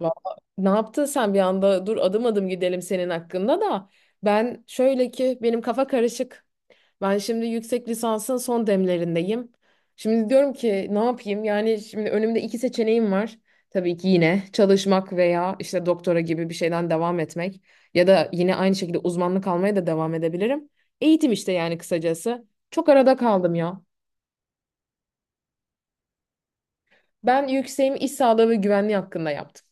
Valla ne yaptın sen bir anda? Dur adım adım gidelim senin hakkında da. Ben şöyle ki benim kafa karışık. Ben şimdi yüksek lisansın son demlerindeyim. Şimdi diyorum ki ne yapayım? Yani şimdi önümde iki seçeneğim var. Tabii ki yine çalışmak veya işte doktora gibi bir şeyden devam etmek. Ya da yine aynı şekilde uzmanlık almaya da devam edebilirim. Eğitim işte yani kısacası. Çok arada kaldım ya. Ben yükseğimi iş sağlığı ve güvenliği hakkında yaptım.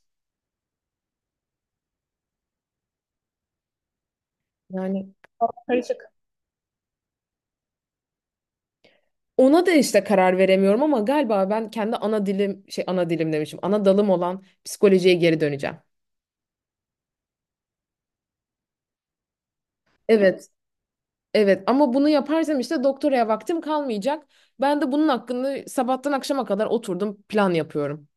Yani ona da işte karar veremiyorum ama galiba ben kendi ana dilim ana dilim demişim. Ana dalım olan psikolojiye geri döneceğim. Evet, evet ama bunu yaparsam işte doktoraya vaktim kalmayacak. Ben de bunun hakkında sabahtan akşama kadar oturdum plan yapıyorum.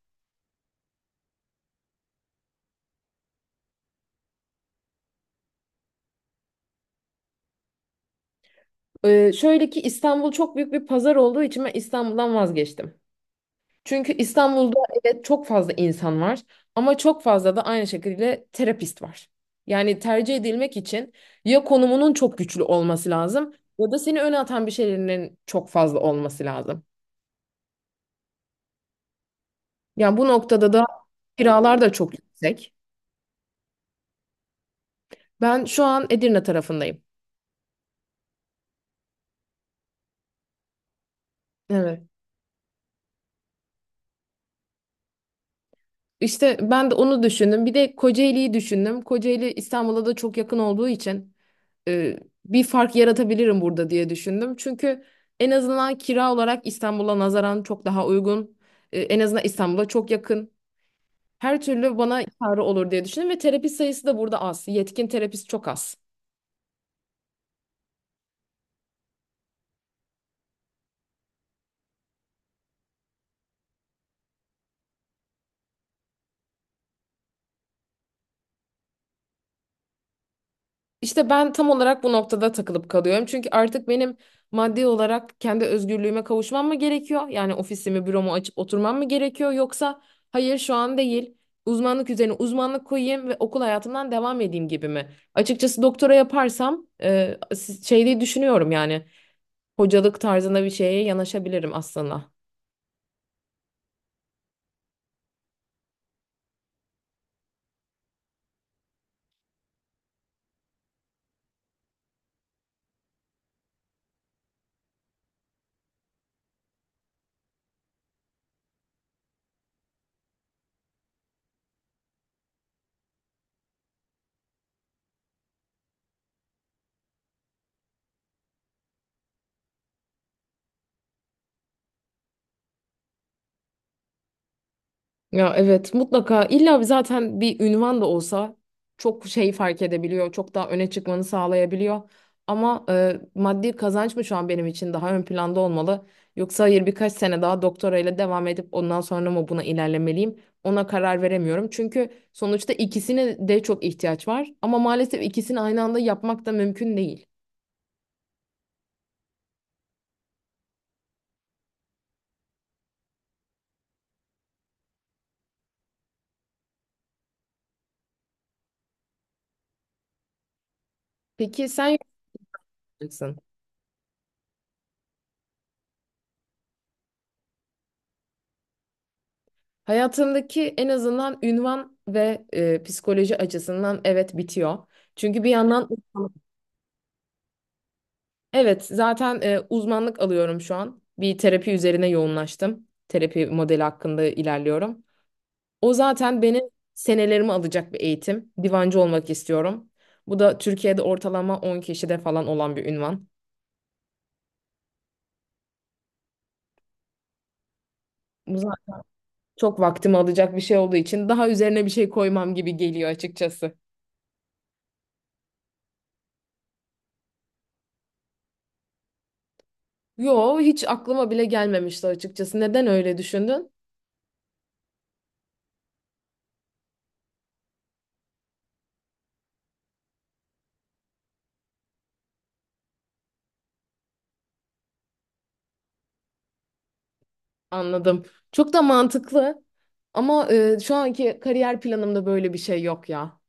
Şöyle ki İstanbul çok büyük bir pazar olduğu için ben İstanbul'dan vazgeçtim. Çünkü İstanbul'da evet çok fazla insan var ama çok fazla da aynı şekilde terapist var. Yani tercih edilmek için ya konumunun çok güçlü olması lazım ya da seni öne atan bir şeylerin çok fazla olması lazım. Yani bu noktada da kiralar da çok yüksek. Ben şu an Edirne tarafındayım. Evet. İşte ben de onu düşündüm. Bir de Kocaeli'yi düşündüm. Kocaeli İstanbul'a da çok yakın olduğu için e, bir fark yaratabilirim burada diye düşündüm. Çünkü en azından kira olarak İstanbul'a nazaran çok daha uygun. E, en azından İstanbul'a çok yakın. Her türlü bana yararı olur diye düşündüm ve terapi sayısı da burada az. Yetkin terapist çok az. İşte ben tam olarak bu noktada takılıp kalıyorum. Çünkü artık benim maddi olarak kendi özgürlüğüme kavuşmam mı gerekiyor? Yani ofisimi, büromu açıp oturmam mı gerekiyor? Yoksa hayır şu an değil. Uzmanlık üzerine uzmanlık koyayım ve okul hayatımdan devam edeyim gibi mi? Açıkçası doktora yaparsam diye düşünüyorum yani hocalık tarzında bir şeye yanaşabilirim aslında. Ya evet mutlaka illa bir zaten bir ünvan da olsa çok şey fark edebiliyor. Çok daha öne çıkmanı sağlayabiliyor. Ama maddi kazanç mı şu an benim için daha ön planda olmalı? Yoksa hayır birkaç sene daha doktorayla devam edip ondan sonra mı buna ilerlemeliyim? Ona karar veremiyorum. Çünkü sonuçta ikisine de çok ihtiyaç var. Ama maalesef ikisini aynı anda yapmak da mümkün değil. Peki sen yapacaksın. Hayatındaki en azından ünvan ve psikoloji açısından evet bitiyor. Çünkü bir yandan evet, zaten uzmanlık alıyorum şu an. Bir terapi üzerine yoğunlaştım. Terapi modeli hakkında ilerliyorum. O zaten benim senelerimi alacak bir eğitim. Divancı olmak istiyorum. Bu da Türkiye'de ortalama 10 kişide falan olan bir ünvan. Bu zaten çok vaktimi alacak bir şey olduğu için daha üzerine bir şey koymam gibi geliyor açıkçası. Yo hiç aklıma bile gelmemişti açıkçası. Neden öyle düşündün? Anladım. Çok da mantıklı. Ama şu anki kariyer planımda böyle bir şey yok ya.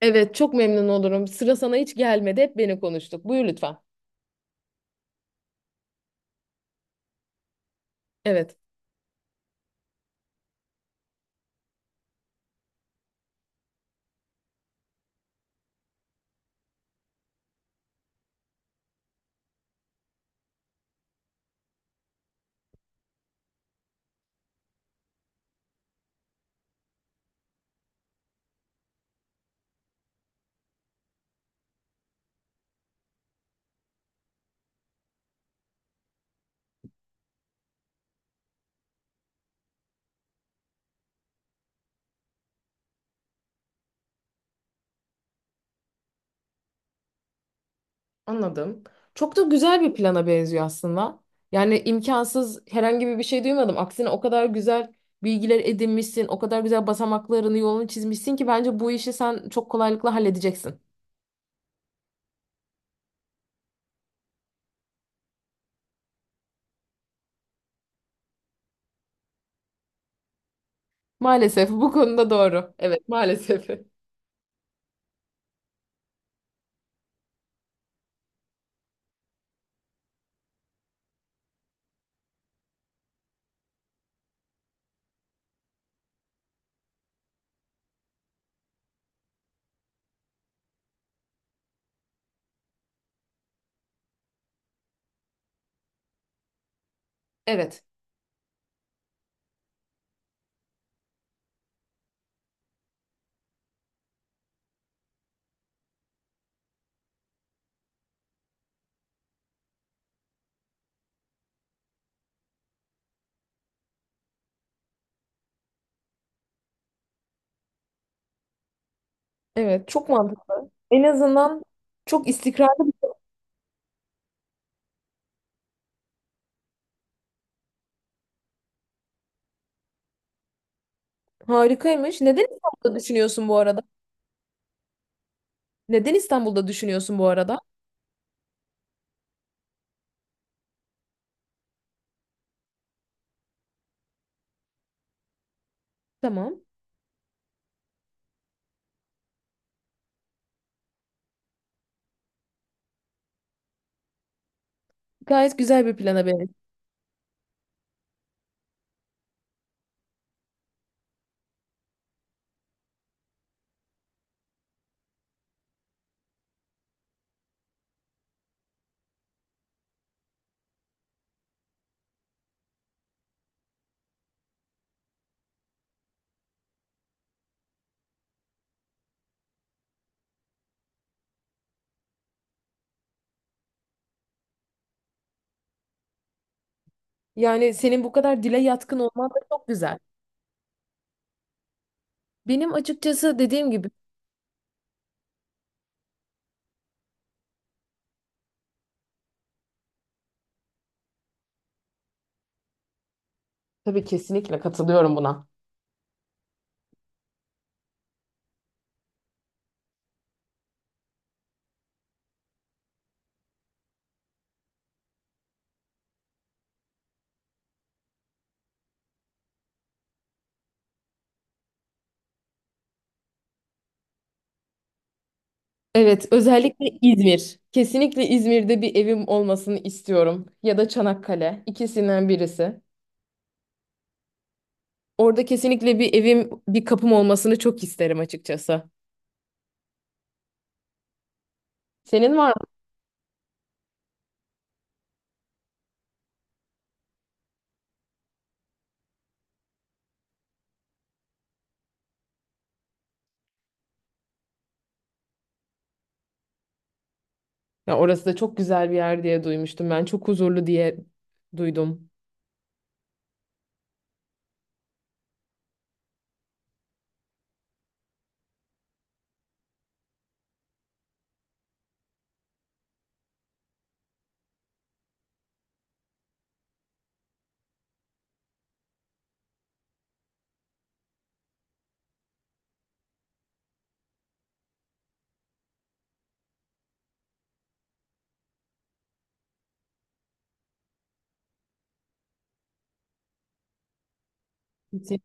Evet, çok memnun olurum. Sıra sana hiç gelmedi. Hep beni konuştuk. Buyur lütfen. Evet. Anladım. Çok da güzel bir plana benziyor aslında. Yani imkansız herhangi bir şey duymadım. Aksine o kadar güzel bilgiler edinmişsin, o kadar güzel basamaklarını, yolunu çizmişsin ki bence bu işi sen çok kolaylıkla halledeceksin. Maalesef bu konuda doğru. Evet, maalesef. Evet. Evet, çok mantıklı. En azından çok istikrarlı bir şey. Harikaymış. Neden İstanbul'da düşünüyorsun bu arada? Neden İstanbul'da düşünüyorsun bu arada? Tamam. Gayet güzel bir plana benziyor. Yani senin bu kadar dile yatkın olman da çok güzel. Benim açıkçası dediğim gibi tabii kesinlikle katılıyorum buna. Evet, özellikle İzmir. Kesinlikle İzmir'de bir evim olmasını istiyorum. Ya da Çanakkale, ikisinden birisi. Orada kesinlikle bir evim, bir kapım olmasını çok isterim açıkçası. Senin var ya orası da çok güzel bir yer diye duymuştum ben. Çok huzurlu diye duydum. Kesin.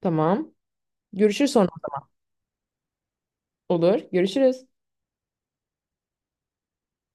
Tamam. Görüşür sonra. Olur. Görüşürüz.